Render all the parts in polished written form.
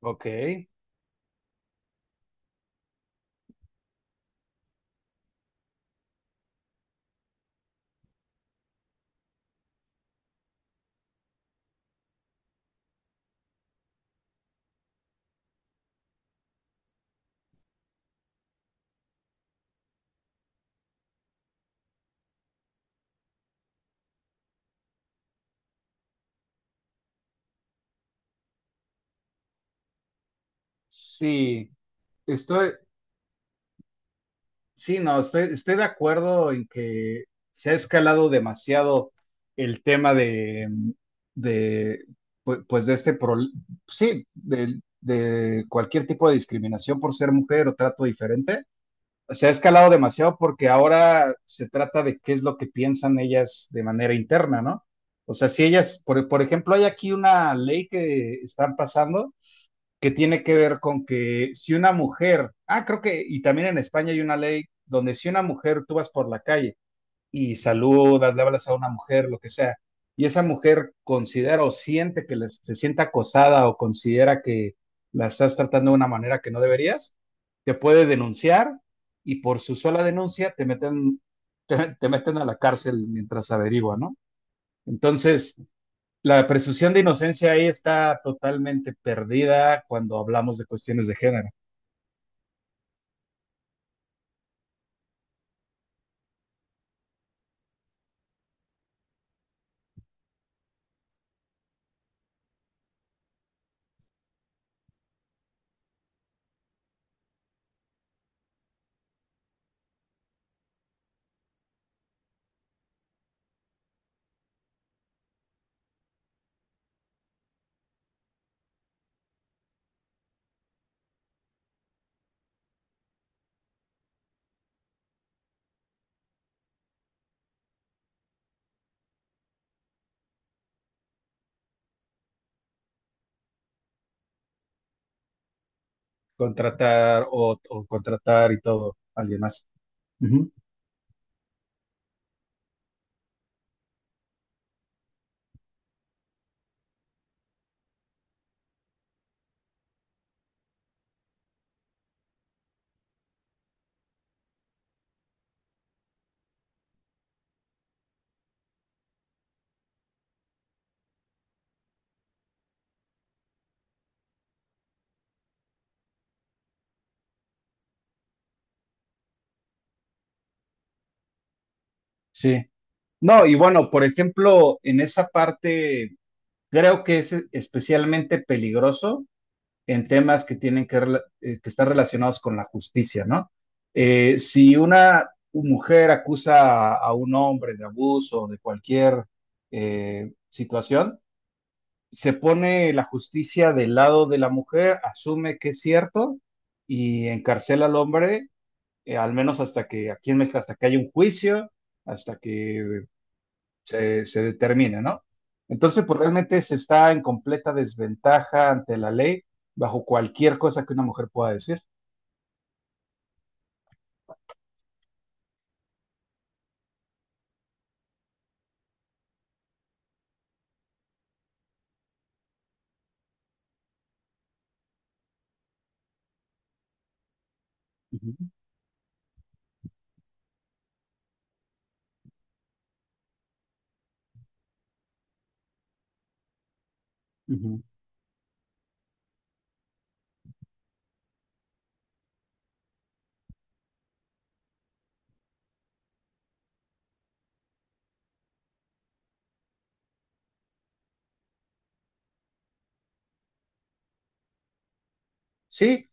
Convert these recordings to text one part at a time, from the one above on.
Ok. Sí, estoy, sí, no, estoy, estoy de acuerdo en que se ha escalado demasiado el tema de, pu- pues de este, pro- sí, de cualquier tipo de discriminación por ser mujer o trato diferente. Se ha escalado demasiado porque ahora se trata de qué es lo que piensan ellas de manera interna, ¿no? O sea, si ellas, por ejemplo, hay aquí una ley que están pasando que tiene que ver con que si una mujer, ah, creo que, y también en España hay una ley donde si una mujer tú vas por la calle y saludas, le hablas a una mujer, lo que sea, y esa mujer considera o siente que se sienta acosada o considera que la estás tratando de una manera que no deberías, te puede denunciar y por su sola denuncia te meten, te meten a la cárcel mientras averigua, ¿no? Entonces, la presunción de inocencia ahí está totalmente perdida cuando hablamos de cuestiones de género. Contratar o contratar y todo, alguien más. Ujú. Sí. No, y bueno, por ejemplo, en esa parte creo que es especialmente peligroso en temas que tienen que, que estar relacionados con la justicia, ¿no? Si una mujer acusa a un hombre de abuso o de cualquier situación, se pone la justicia del lado de la mujer, asume que es cierto y encarcela al hombre, al menos hasta que aquí en México, hasta que haya un juicio, hasta que se determine, ¿no? Entonces, pues realmente se está en completa desventaja ante la ley bajo cualquier cosa que una mujer pueda decir. Ujú, ujú. Sí,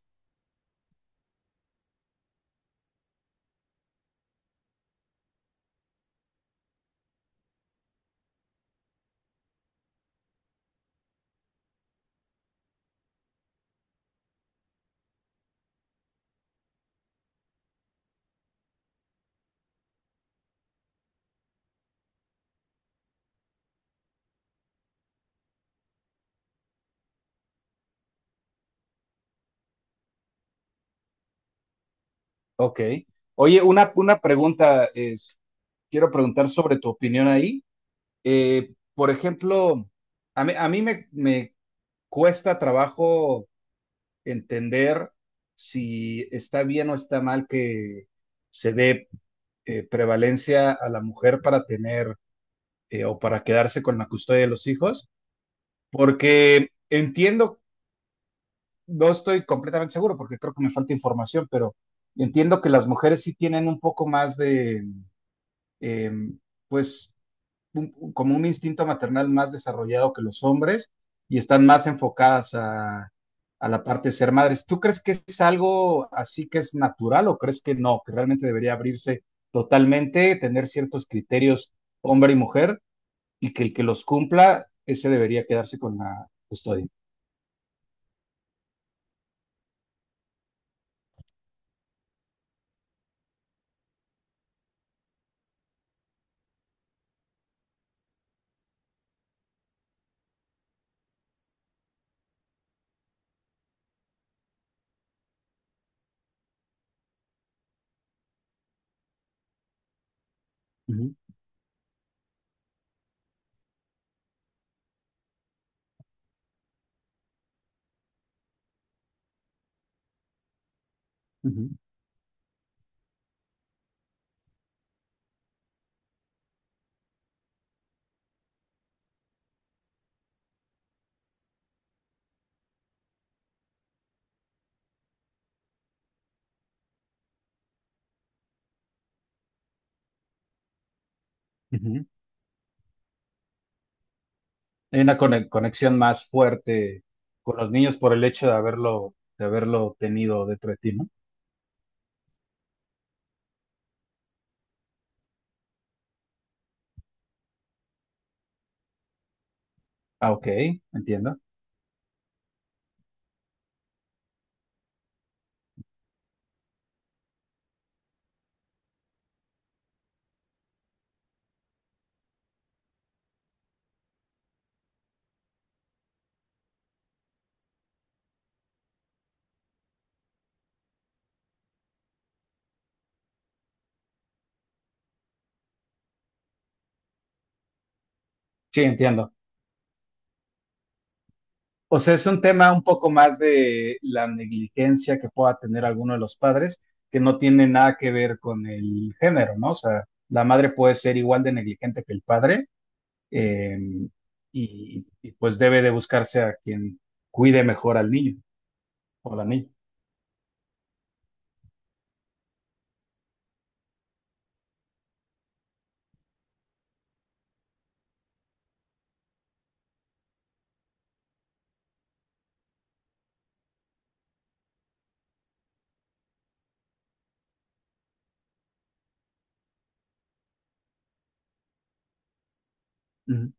ok. Oye, una pregunta es, quiero preguntar sobre tu opinión ahí. Por ejemplo, a mí me cuesta trabajo entender si está bien o está mal que se dé prevalencia a la mujer para tener o para quedarse con la custodia de los hijos, porque entiendo, no estoy completamente seguro porque creo que me falta información, pero entiendo que las mujeres sí tienen un poco más de, eh, pues, un, como un instinto maternal más desarrollado que los hombres y están más enfocadas a la parte de ser madres. ¿Tú crees que es algo así que es natural o crees que no, que realmente debería abrirse totalmente, tener ciertos criterios hombre y mujer y que el que los cumpla, ese debería quedarse con la custodia? Uh -huh, uh -huh, uh -huh. Hay una conexión más fuerte con los niños por el hecho de haberlo tenido dentro de ti, ¿no? Ah, ok, entiendo. Sí, entiendo. O sea, es un tema un poco más de la negligencia que pueda tener alguno de los padres, que no tiene nada que ver con el género, ¿no? O sea, la madre puede ser igual de negligente que el padre eh, y pues debe de buscarse a quien cuide mejor al niño o la niña. Ujú,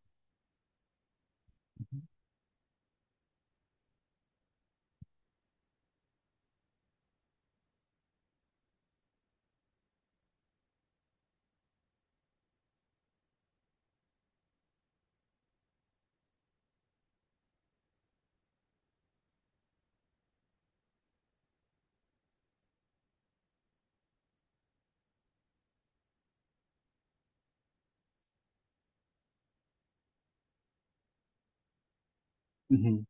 ujú.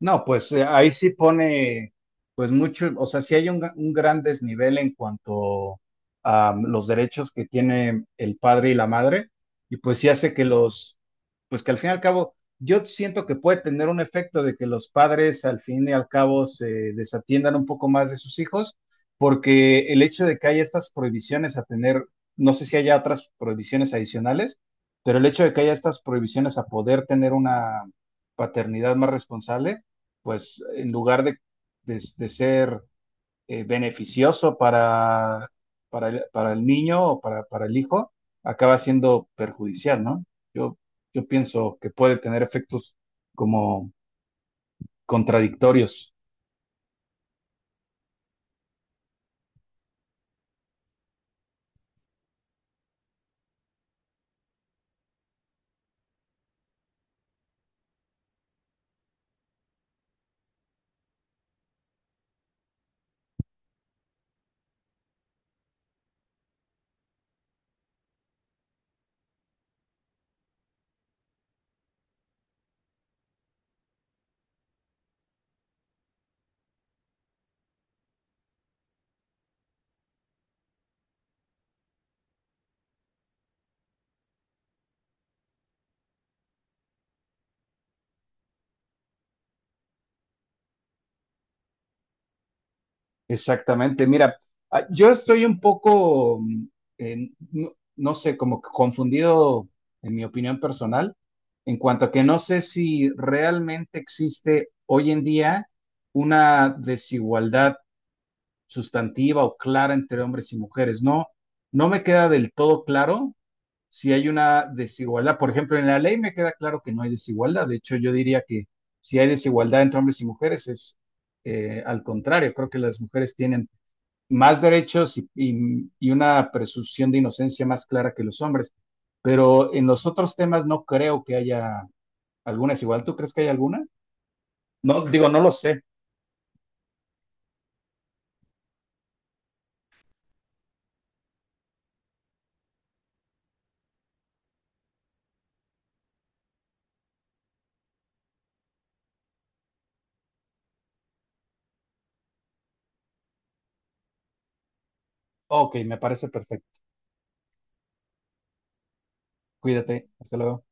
No, pues ahí sí pone, pues mucho, o sea, sí hay un, un gran desnivel en cuanto a los derechos que tiene el padre y la madre, y pues sí hace que los, pues que al fin y al cabo, yo siento que puede tener un efecto de que los padres al fin y al cabo se desatiendan un poco más de sus hijos, porque el hecho de que haya estas prohibiciones a tener, no sé si haya otras prohibiciones adicionales, pero el hecho de que haya estas prohibiciones a poder tener una paternidad más responsable pues en lugar de, de ser beneficioso para el niño o para el hijo, acaba siendo perjudicial, ¿no? Yo, yo pienso que puede tener efectos como contradictorios. Exactamente. Mira, ah, yo estoy un poco, no, no sé, como que confundido en mi opinión personal, en cuanto a que no sé si realmente existe hoy en día una desigualdad sustantiva o clara entre hombres y mujeres. No, no me queda del todo claro si hay una desigualdad. Por ejemplo, en la ley me queda claro que no hay desigualdad. De hecho, yo diría que si hay desigualdad entre hombres y mujeres es al contrario. Creo que las mujeres tienen más derechos y una presunción de inocencia más clara que los hombres. Pero en los otros temas no creo que haya alguna desigualdad. ¿Tú crees que hay alguna? No, digo, no lo sé. Ok, me parece perfecto. Cuídate. Hasta luego.